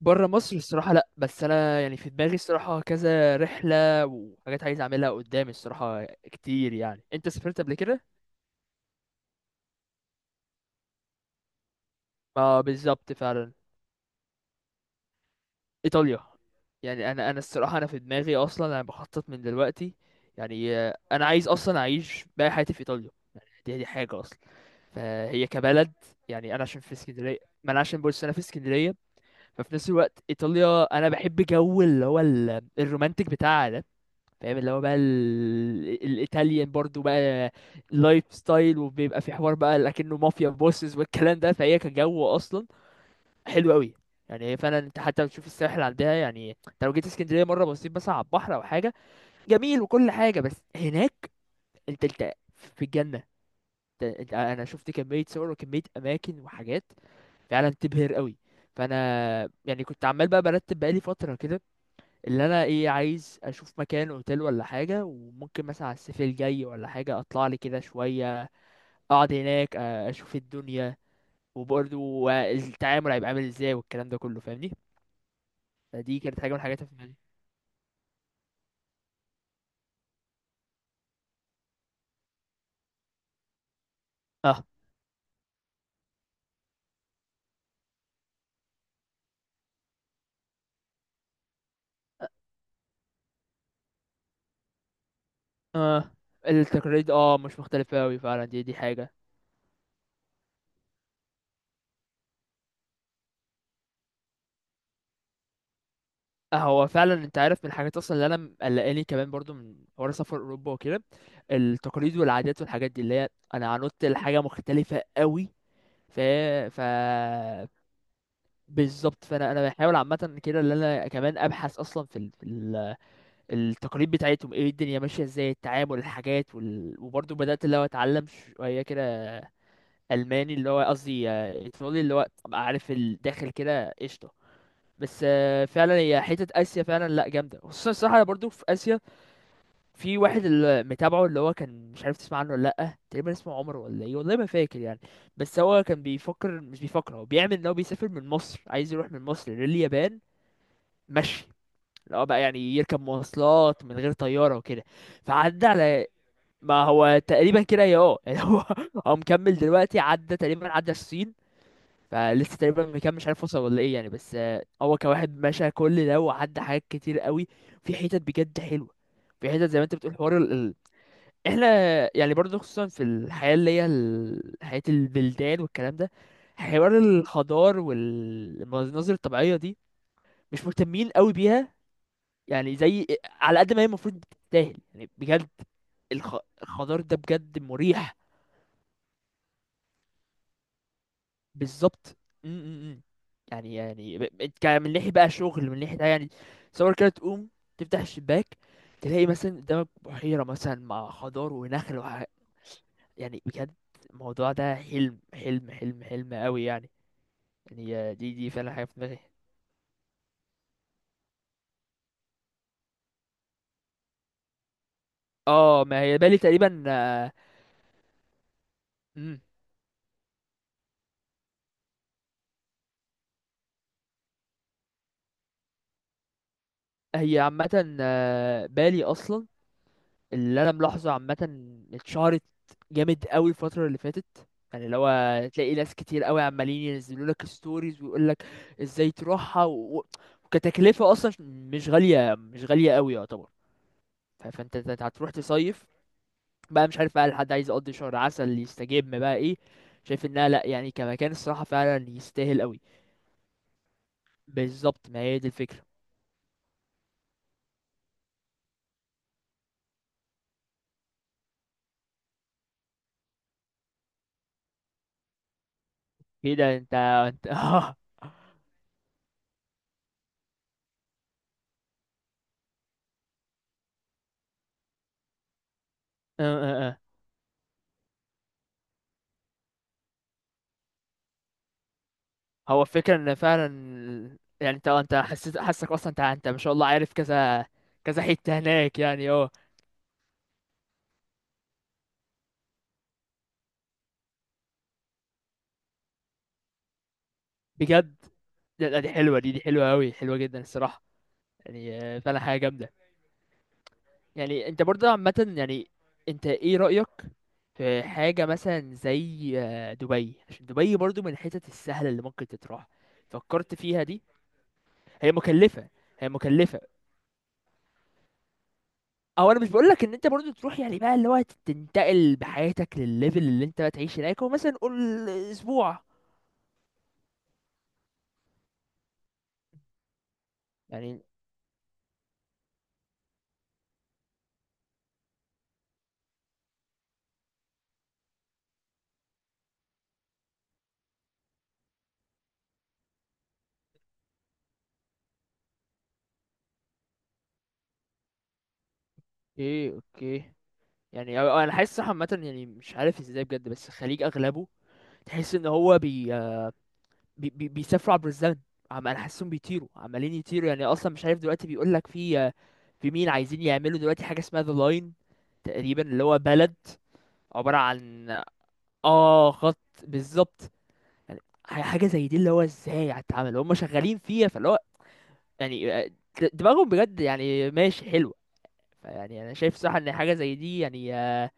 بره مصر الصراحة لأ. بس أنا يعني في دماغي الصراحة كذا رحلة وحاجات عايز أعملها قدامي الصراحة كتير. يعني أنت سافرت قبل كده؟ ما بالظبط فعلا. إيطاليا. يعني أنا الصراحة أنا في دماغي أصلا أنا بخطط من دلوقتي. يعني أنا عايز أصلا أعيش باقي حياتي في إيطاليا. دي حاجة أصلا. فهي كبلد. يعني أنا عشان في اسكندرية. ما أنا عشان بص أنا في اسكندرية. ففي نفس الوقت إيطاليا أنا بحب جو اللي هو الرومانتك بتاعها ده. فاهم اللي هو بقى الايطاليان برضو بقى لايف ستايل، وبيبقى في حوار بقى لكنه مافيا بوسز والكلام ده، فهي كجو اصلا حلو قوي. يعني هي فعلا انت حتى بتشوف الساحل عندها. يعني انت لو جيت اسكندريه مره بصيت بس على البحر او حاجه جميل وكل حاجه. بس هناك انت في الجنه. انت انا شفت كميه صور وكميه اماكن وحاجات فعلا تبهر قوي. فانا يعني كنت عمال بقى برتب بقالي فتره كده، اللي انا ايه عايز اشوف مكان اوتيل ولا حاجه، وممكن مثلا على الصيف الجاي ولا حاجه اطلع لي كده شويه اقعد هناك، اشوف الدنيا. وبرضو التعامل هيبقى عامل ازاي والكلام ده كله، فاهمني؟ فدي كانت حاجه من الحاجات اللي في دماغي. اه اه، التقاليد اه مش مختلفه قوي فعلا. دي حاجه. هو فعلا انت عارف من الحاجات اصلا اللي انا مقلقاني كمان برضو من حوار سفر اوروبا وكده، التقاليد والعادات والحاجات دي، اللي هي انا هنط لحاجه مختلفه قوي. ف... ف... بالظبط. فانا انا بحاول عامه كده ان انا كمان ابحث اصلا في التقاليد بتاعتهم، ايه الدنيا ماشيه ازاي، التعامل، الحاجات وبرضه بدات اللي هو اتعلم شويه كده الماني، اللي هو قصدي ايطالي، اللي هو ابقى عارف الداخل كده قشطه. بس فعلا هي حته اسيا فعلا لا جامده. خصوصا الصراحه انا برضه في اسيا في واحد اللي متابعه، اللي هو كان مش عارف تسمع عنه ولا لا، تقريبا اسمه عمر ولا ايه والله ما فاكر يعني. بس هو كان بيفكر، مش بيفكر، هو بيعمل ان هو بيسافر من مصر، عايز يروح من مصر لليابان مشي، اللي هو بقى يعني يركب مواصلات من غير طيارة وكده. فعدى على، ما هو تقريبا كده يا اه، يعني هو هو مكمل دلوقتي، عدى تقريبا عدى الصين. فلسه تقريبا مكمل مش عارف وصل ولا ايه يعني. بس هو كواحد مشى كل ده وعدى حاجات كتير قوي. في حتت بجد حلوة. في حتت زي ما انت بتقول حوار احنا، يعني برضه خصوصا في الحياة اللي هي حياة البلدان والكلام ده، حوار الخضار والمناظر الطبيعية دي مش مهتمين قوي بيها. يعني زي على قد ما هي المفروض بتستاهل يعني بجد. الخ... الخضار ده بجد مريح. بالظبط. م. يعني يعني من ناحية بقى شغل، من ناحية يعني تصور كده تقوم تفتح الشباك تلاقي مثلا قدامك بحيرة مثلا مع خضار ونخل يعني بجد، الموضوع ده حلم حلم حلم حلم قوي يعني. يعني دي فعلا حاجة في دماغي. اه ما هي بالي تقريبا مم. هي عامة بالي أصلا، اللي انا ملاحظه عامه، اتشهرت جامد قوي الفتره اللي فاتت. يعني لو، تلاقي ناس كتير قوي عمالين ينزلوا لك ستوريز ويقول لك ازاي تروحها و- وكتكلفه اصلا مش غاليه، مش غاليه قوي يعتبر. فانت هتروح تصيف بقى، مش عارف بقى الحد عايز يقضي شهر عسل، يستجم بقى، ايه. شايف انها لا يعني كمكان الصراحه فعلا يستاهل قوي. بالظبط، ما هي دي الفكره. كده انت انت اه اه اه. هو الفكرة ان فعلا، يعني انت حسيت حاسك اصلا، انت ما شاء الله عارف كذا كذا حتة هناك يعني اه بجد. لا لا، دي حلوة، دي حلوة اوي، حلوة جدا الصراحة. يعني فعلا حاجة جامدة. يعني انت برضه عامة، يعني انت ايه رأيك في حاجة مثلا زي دبي؟ عشان دبي برضه من الحتت السهلة اللي ممكن تتراح. فكرت فيها دي؟ هي مكلفة. هي مكلفة. او انا مش بقول لك ان انت برضو تروح يعني بقى اللي هو تنتقل بحياتك للليفل اللي انت بقى تعيش هناك، هو مثلا نقول اسبوع يعني، ايه. اوكي. يعني انا حاسس صح عامه، يعني مش عارف ازاي بجد، بس الخليج اغلبه تحس ان هو بي بيسافروا عبر الزمن. عم، انا حاسسهم بيطيروا، عمالين يطيروا يعني. اصلا مش عارف دلوقتي بيقول لك في، في مين عايزين يعملوا دلوقتي حاجه اسمها ذا لاين، تقريبا اللي هو بلد عباره عن اه خط. بالظبط. يعني حاجه زي دي، اللي هو ازاي هتتعمل، هم شغالين فيها، فاللي هو يعني دماغهم بجد يعني ماشي حلوه. فيعني انا شايف صراحه ان حاجه زي دي يعني اه.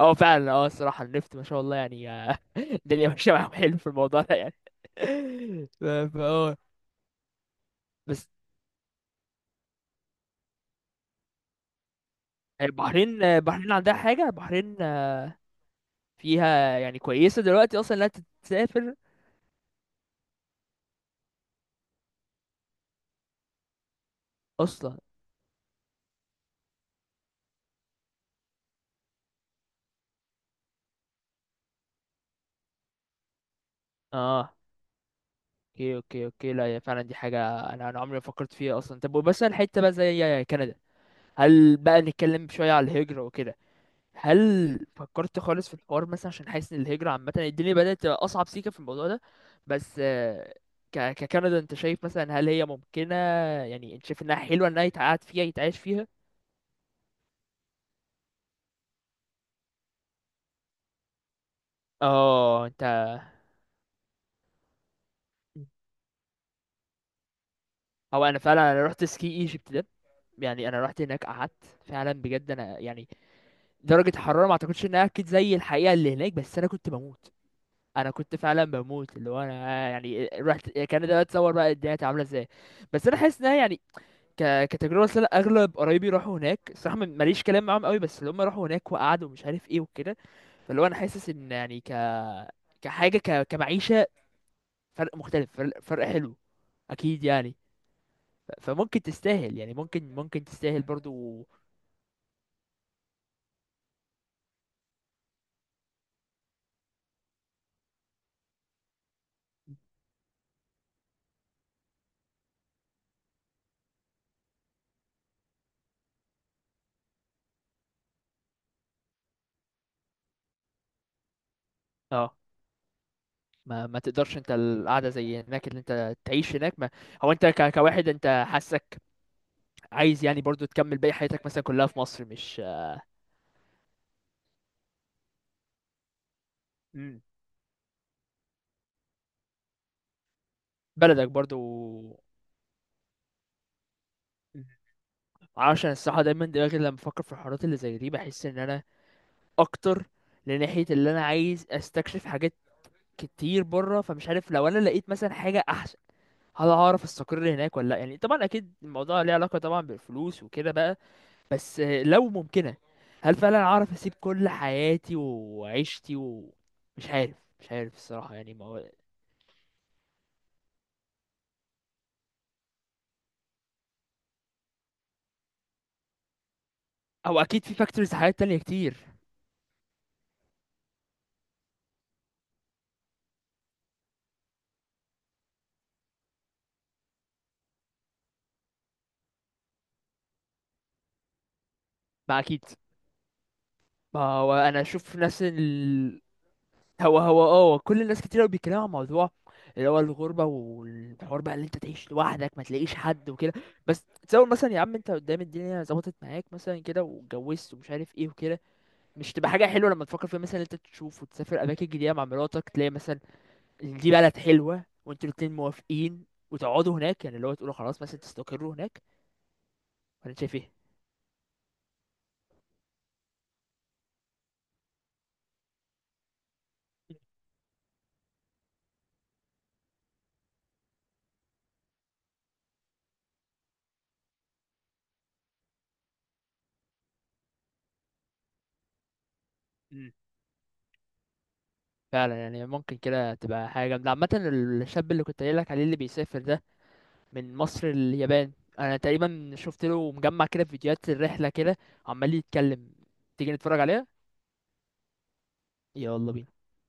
فعلا اه الصراحه النفط ما شاء الله يعني الدنيا ماشيه معاهم حلو في الموضوع ده يعني. ف- فا اه. بس البحرين، البحرين عندها حاجه، البحرين فيها يعني كويسه دلوقتي اصلا انها تسافر اصلا. اه اوكي اوكي اوكي. لا هي فعلا دي حاجه انا انا عمري ما فكرت فيها اصلا. طب بس الحته بقى زي كندا، هل بقى نتكلم شوية على الهجرة وكده؟ هل فكرت خالص في الحوار مثلا؟ عشان حاسس ان الهجرة عامة الدنيا بدأت تبقى أصعب سيكة في الموضوع ده. بس ككندا انت شايف مثلا هل هي ممكنة؟ يعني انت شايف انها حلوة، انها يتقعد فيها، يتعايش فيها؟ اه انت، او انا فعلا انا رحت سكي ايجيبت ده، يعني انا رحت هناك قعدت فعلا بجد انا يعني درجة الحرارة ما اعتقدش انها اكيد زي الحقيقة اللي هناك، بس انا كنت بموت. انا كنت فعلا بموت، اللي هو انا يعني رحت كان ده، اتصور بقى الدنيا كانت عامله ازاي. بس انا حاسس ان أنا يعني كتجربه، أصل أنا اغلب قرايبي راحوا هناك الصراحه ماليش كلام معاهم قوي، بس اللي هم راحوا هناك وقعدوا ومش عارف ايه وكده. فاللي هو انا حاسس ان يعني ك، كحاجه كمعيشه، فرق مختلف، فرق حلو اكيد يعني. فممكن تستاهل يعني، ممكن ممكن تستاهل برضو. اه، ما ما تقدرش انت القعده زي هناك اللي انت تعيش هناك ما. هو انت كواحد انت حاسك عايز يعني برضو تكمل باقي حياتك مثلا كلها في مصر، مش؟ مم. بلدك برضو. مم. معرفش، انا الصراحه دايما دماغي لما بفكر في الحوارات اللي زي دي بحس ان انا اكتر لناحيه اللي انا عايز استكشف حاجات كتير بره. فمش عارف لو انا لقيت مثلا حاجه احسن، هل هعرف استقر هناك ولا لا؟ يعني طبعا اكيد الموضوع ليه علاقه طبعا بالفلوس وكده بقى. بس لو ممكنه، هل فعلا اعرف اسيب كل حياتي وعيشتي ومش عارف، مش عارف الصراحه يعني، ما هو. او اكيد في فاكتورز حياه تانية كتير. ما اكيد. ما هو انا اشوف ناس هو هو اه كل الناس كتير قوي بيتكلموا عن موضوع اللي هو الغربه والحوار بقى اللي انت تعيش لوحدك ما تلاقيش حد وكده. بس تصور مثلا يا عم انت قدام الدنيا ظبطت معاك مثلا كده واتجوزت ومش عارف ايه وكده. مش تبقى حاجه حلوه لما تفكر فيها مثلا إن انت تشوف وتسافر اماكن جديده مع مراتك، تلاقي مثلا إن دي بلد حلوه وانتوا الاتنين موافقين وتقعدوا هناك يعني، اللي هو تقولوا خلاص مثلا تستقروا هناك، ولا أنت شايف ايه؟ فعلا يعني ممكن كده تبقى حاجة جامدة عامة. الشاب اللي كنت قايل لك عليه اللي بيسافر ده من مصر لليابان، انا تقريبا شفت له مجمع كده فيديوهات الرحلة كده، عمال يتكلم. تيجي نتفرج عليها؟ يلا بينا.